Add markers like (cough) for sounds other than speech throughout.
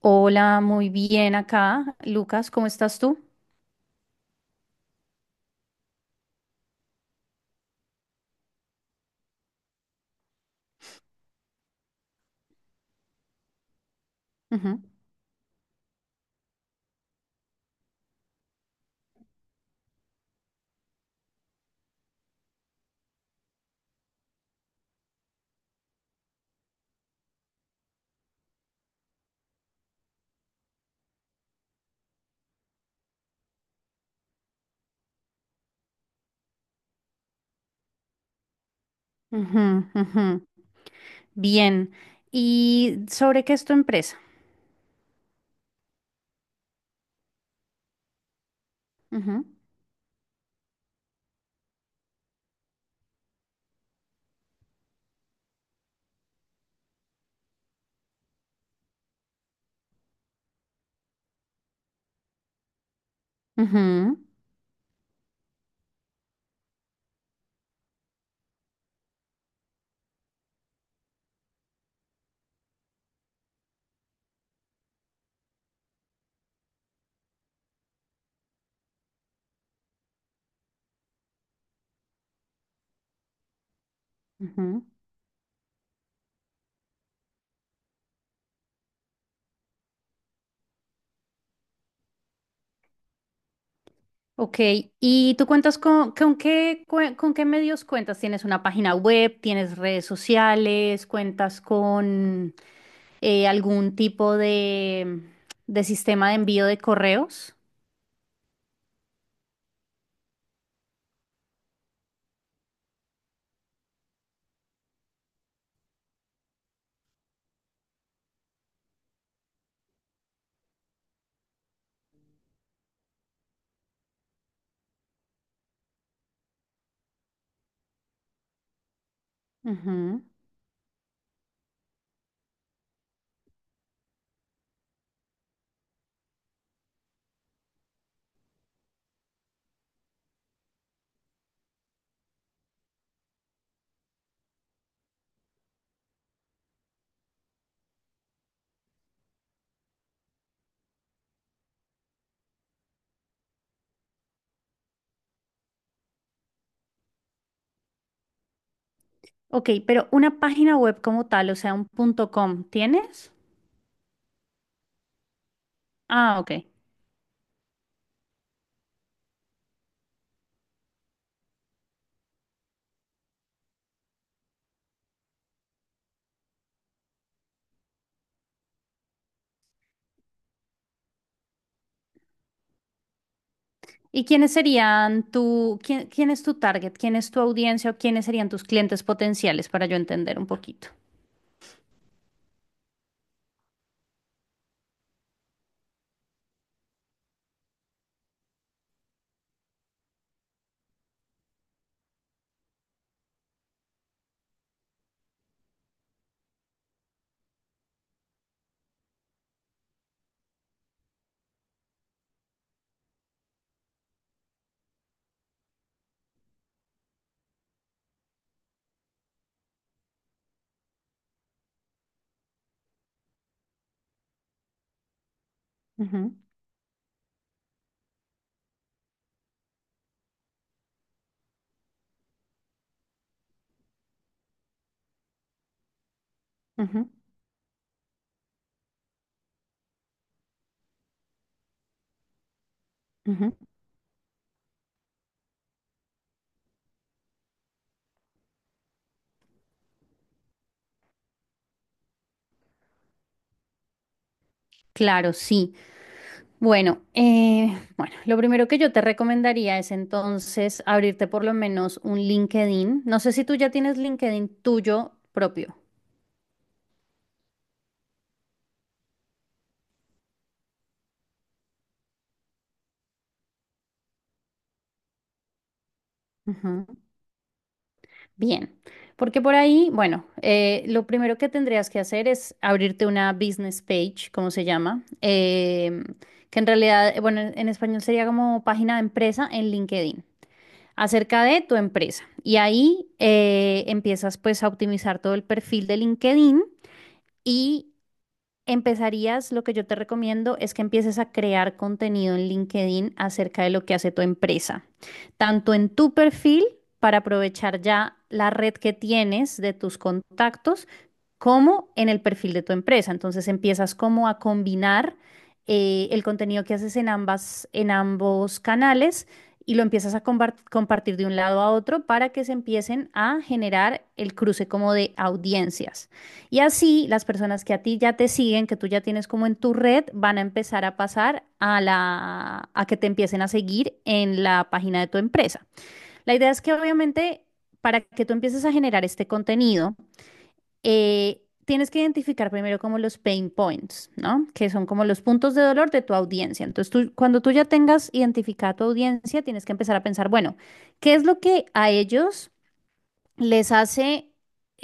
Hola, muy bien acá. Lucas, ¿cómo estás tú? Ujú, ujú, ujú. Bien. ¿Y sobre qué es tu empresa? Ujú, ujú, ujú. Ok, ¿y tú cuentas con qué, cue- con qué medios cuentas? ¿Tienes una página web? ¿Tienes redes sociales? ¿Cuentas con algún tipo de sistema de envío de correos? Ujú. Ok, pero una página web como tal, o sea, un punto .com, ¿tienes? Ah, ok. ¿Y quiénes serían tu, quién, quién es tu target? ¿Quién es tu audiencia o quiénes serían tus clientes potenciales para yo entender un poquito? Ujú, ujú, ujú. Claro, sí. Bueno, bueno, lo primero que yo te recomendaría es entonces abrirte por lo menos un LinkedIn. No sé si tú ya tienes LinkedIn tuyo propio. Bien, porque por ahí, bueno, lo primero que tendrías que hacer es abrirte una business page, como se llama, que en realidad, bueno, en español sería como página de empresa en LinkedIn, acerca de tu empresa. Y ahí empiezas pues a optimizar todo el perfil de LinkedIn. Y empezarías, lo que yo te recomiendo es que empieces a crear contenido en LinkedIn acerca de lo que hace tu empresa, tanto en tu perfil para aprovechar ya la red que tienes de tus contactos, como en el perfil de tu empresa. Entonces empiezas como a combinar el contenido que haces en ambas, en ambos canales y lo empiezas a compartir de un lado a otro para que se empiecen a generar el cruce como de audiencias. Y así las personas que a ti ya te siguen, que tú ya tienes como en tu red, van a empezar a pasar a la, a que te empiecen a seguir en la página de tu empresa. La idea es que obviamente para que tú empieces a generar este contenido, tienes que identificar primero como los pain points, ¿no? Que son como los puntos de dolor de tu audiencia. Entonces, tú, cuando tú ya tengas identificada tu audiencia, tienes que empezar a pensar, bueno, ¿qué es lo que a ellos les hace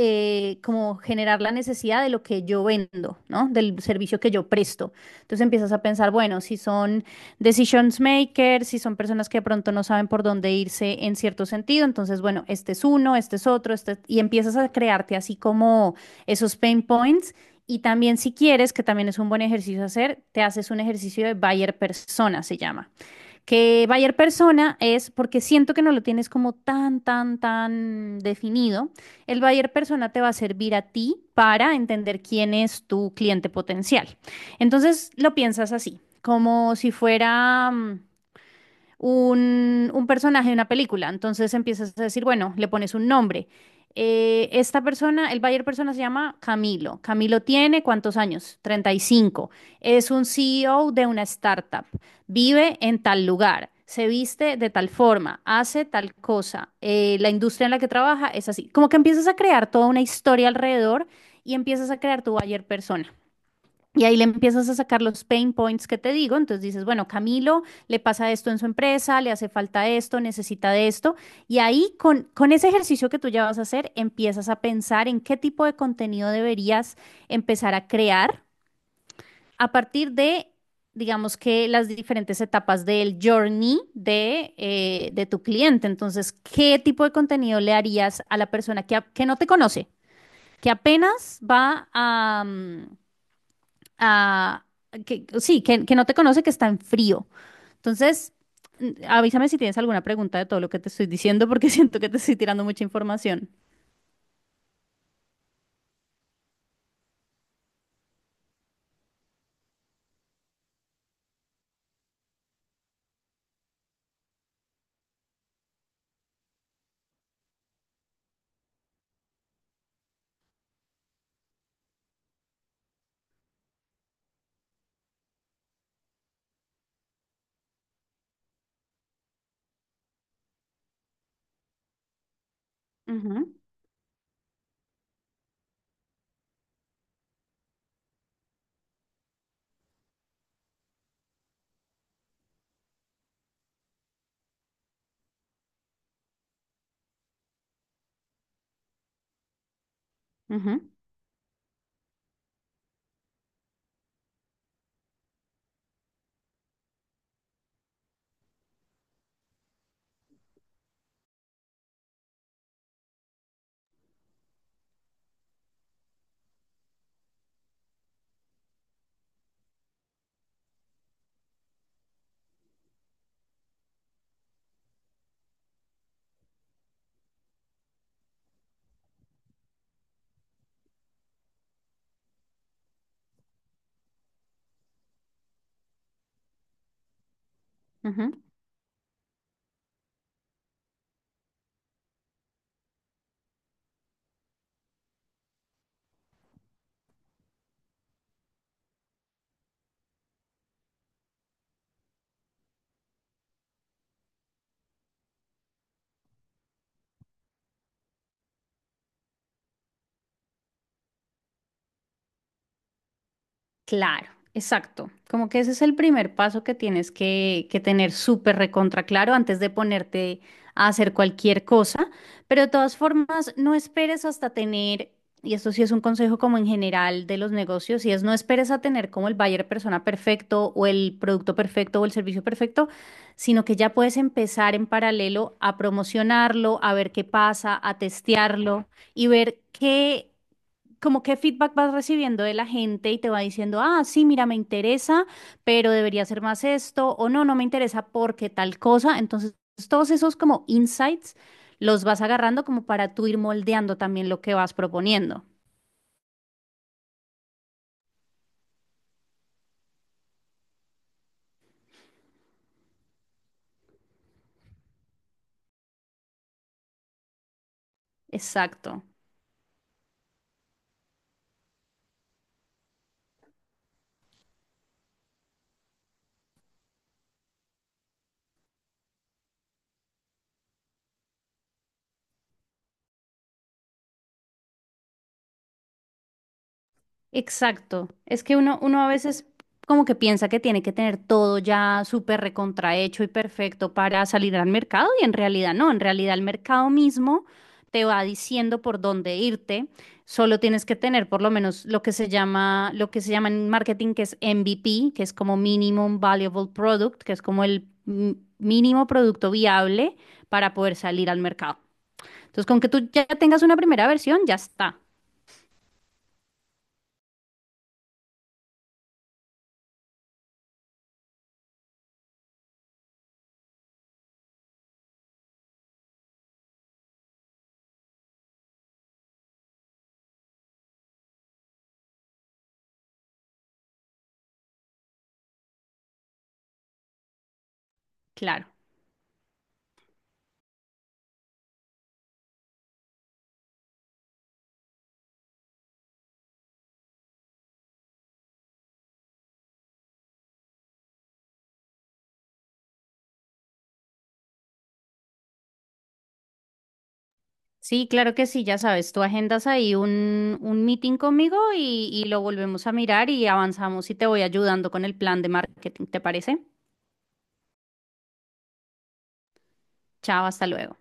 como generar la necesidad de lo que yo vendo, ¿no? Del servicio que yo presto. Entonces empiezas a pensar, bueno, si son decisions makers, si son personas que de pronto no saben por dónde irse en cierto sentido, entonces, bueno, este es uno, este es otro, este, y empiezas a crearte así como esos pain points. Y también si quieres, que también es un buen ejercicio hacer, te haces un ejercicio de buyer persona, se llama, que Bayer persona es porque siento que no lo tienes como tan, tan, tan definido. El Bayer persona te va a servir a ti para entender quién es tu cliente potencial. Entonces lo piensas así, como si fuera un personaje de una película. Entonces empiezas a decir, bueno, le pones un nombre. Esta persona, el buyer persona se llama Camilo. Camilo tiene ¿cuántos años? 35. Es un CEO de una startup. Vive en tal lugar. Se viste de tal forma, hace tal cosa, la industria en la que trabaja es así. Como que empiezas a crear toda una historia alrededor y empiezas a crear tu buyer persona. Y ahí le empiezas a sacar los pain points que te digo. Entonces dices, bueno, Camilo le pasa esto en su empresa, le hace falta esto, necesita de esto. Y ahí con ese ejercicio que tú ya vas a hacer, empiezas a pensar en qué tipo de contenido deberías empezar a crear a partir de, digamos que las diferentes etapas del journey de tu cliente. Entonces, ¿qué tipo de contenido le harías a la persona que, que no te conoce, que apenas va a... ah, que, sí, que no te conoce, que está en frío. Entonces, avísame si tienes alguna pregunta de todo lo que te estoy diciendo, porque (laughs) siento que te estoy tirando mucha información. Ujú, ujú, ujú. Claro, exacto. Como que ese es el primer paso que tienes que tener súper recontra claro antes de ponerte a hacer cualquier cosa. Pero de todas formas, no esperes hasta tener, y esto sí es un consejo como en general de los negocios, y es no esperes a tener como el buyer persona perfecto o el producto perfecto o el servicio perfecto, sino que ya puedes empezar en paralelo a promocionarlo, a ver qué pasa, a testearlo y ver qué, como qué feedback vas recibiendo de la gente y te va diciendo, ah, sí, mira, me interesa, pero debería ser más esto, o no, no me interesa porque tal cosa. Entonces, todos esos como insights los vas agarrando como para tú ir moldeando también lo que vas proponiendo. Exacto. Exacto. Es que uno, uno a veces como que piensa que tiene que tener todo ya súper recontrahecho y perfecto para salir al mercado y en realidad no, en realidad el mercado mismo te va diciendo por dónde irte. Solo tienes que tener por lo menos lo que se llama, lo que se llama en marketing que es MVP, que es como Minimum Valuable Product, que es como el mínimo producto viable para poder salir al mercado. Entonces, con que tú ya tengas una primera versión, ya está. Claro. Sí, claro que sí, ya sabes, tú agendas ahí un meeting conmigo y lo volvemos a mirar y avanzamos y te voy ayudando con el plan de marketing, ¿te parece? Chao, hasta luego.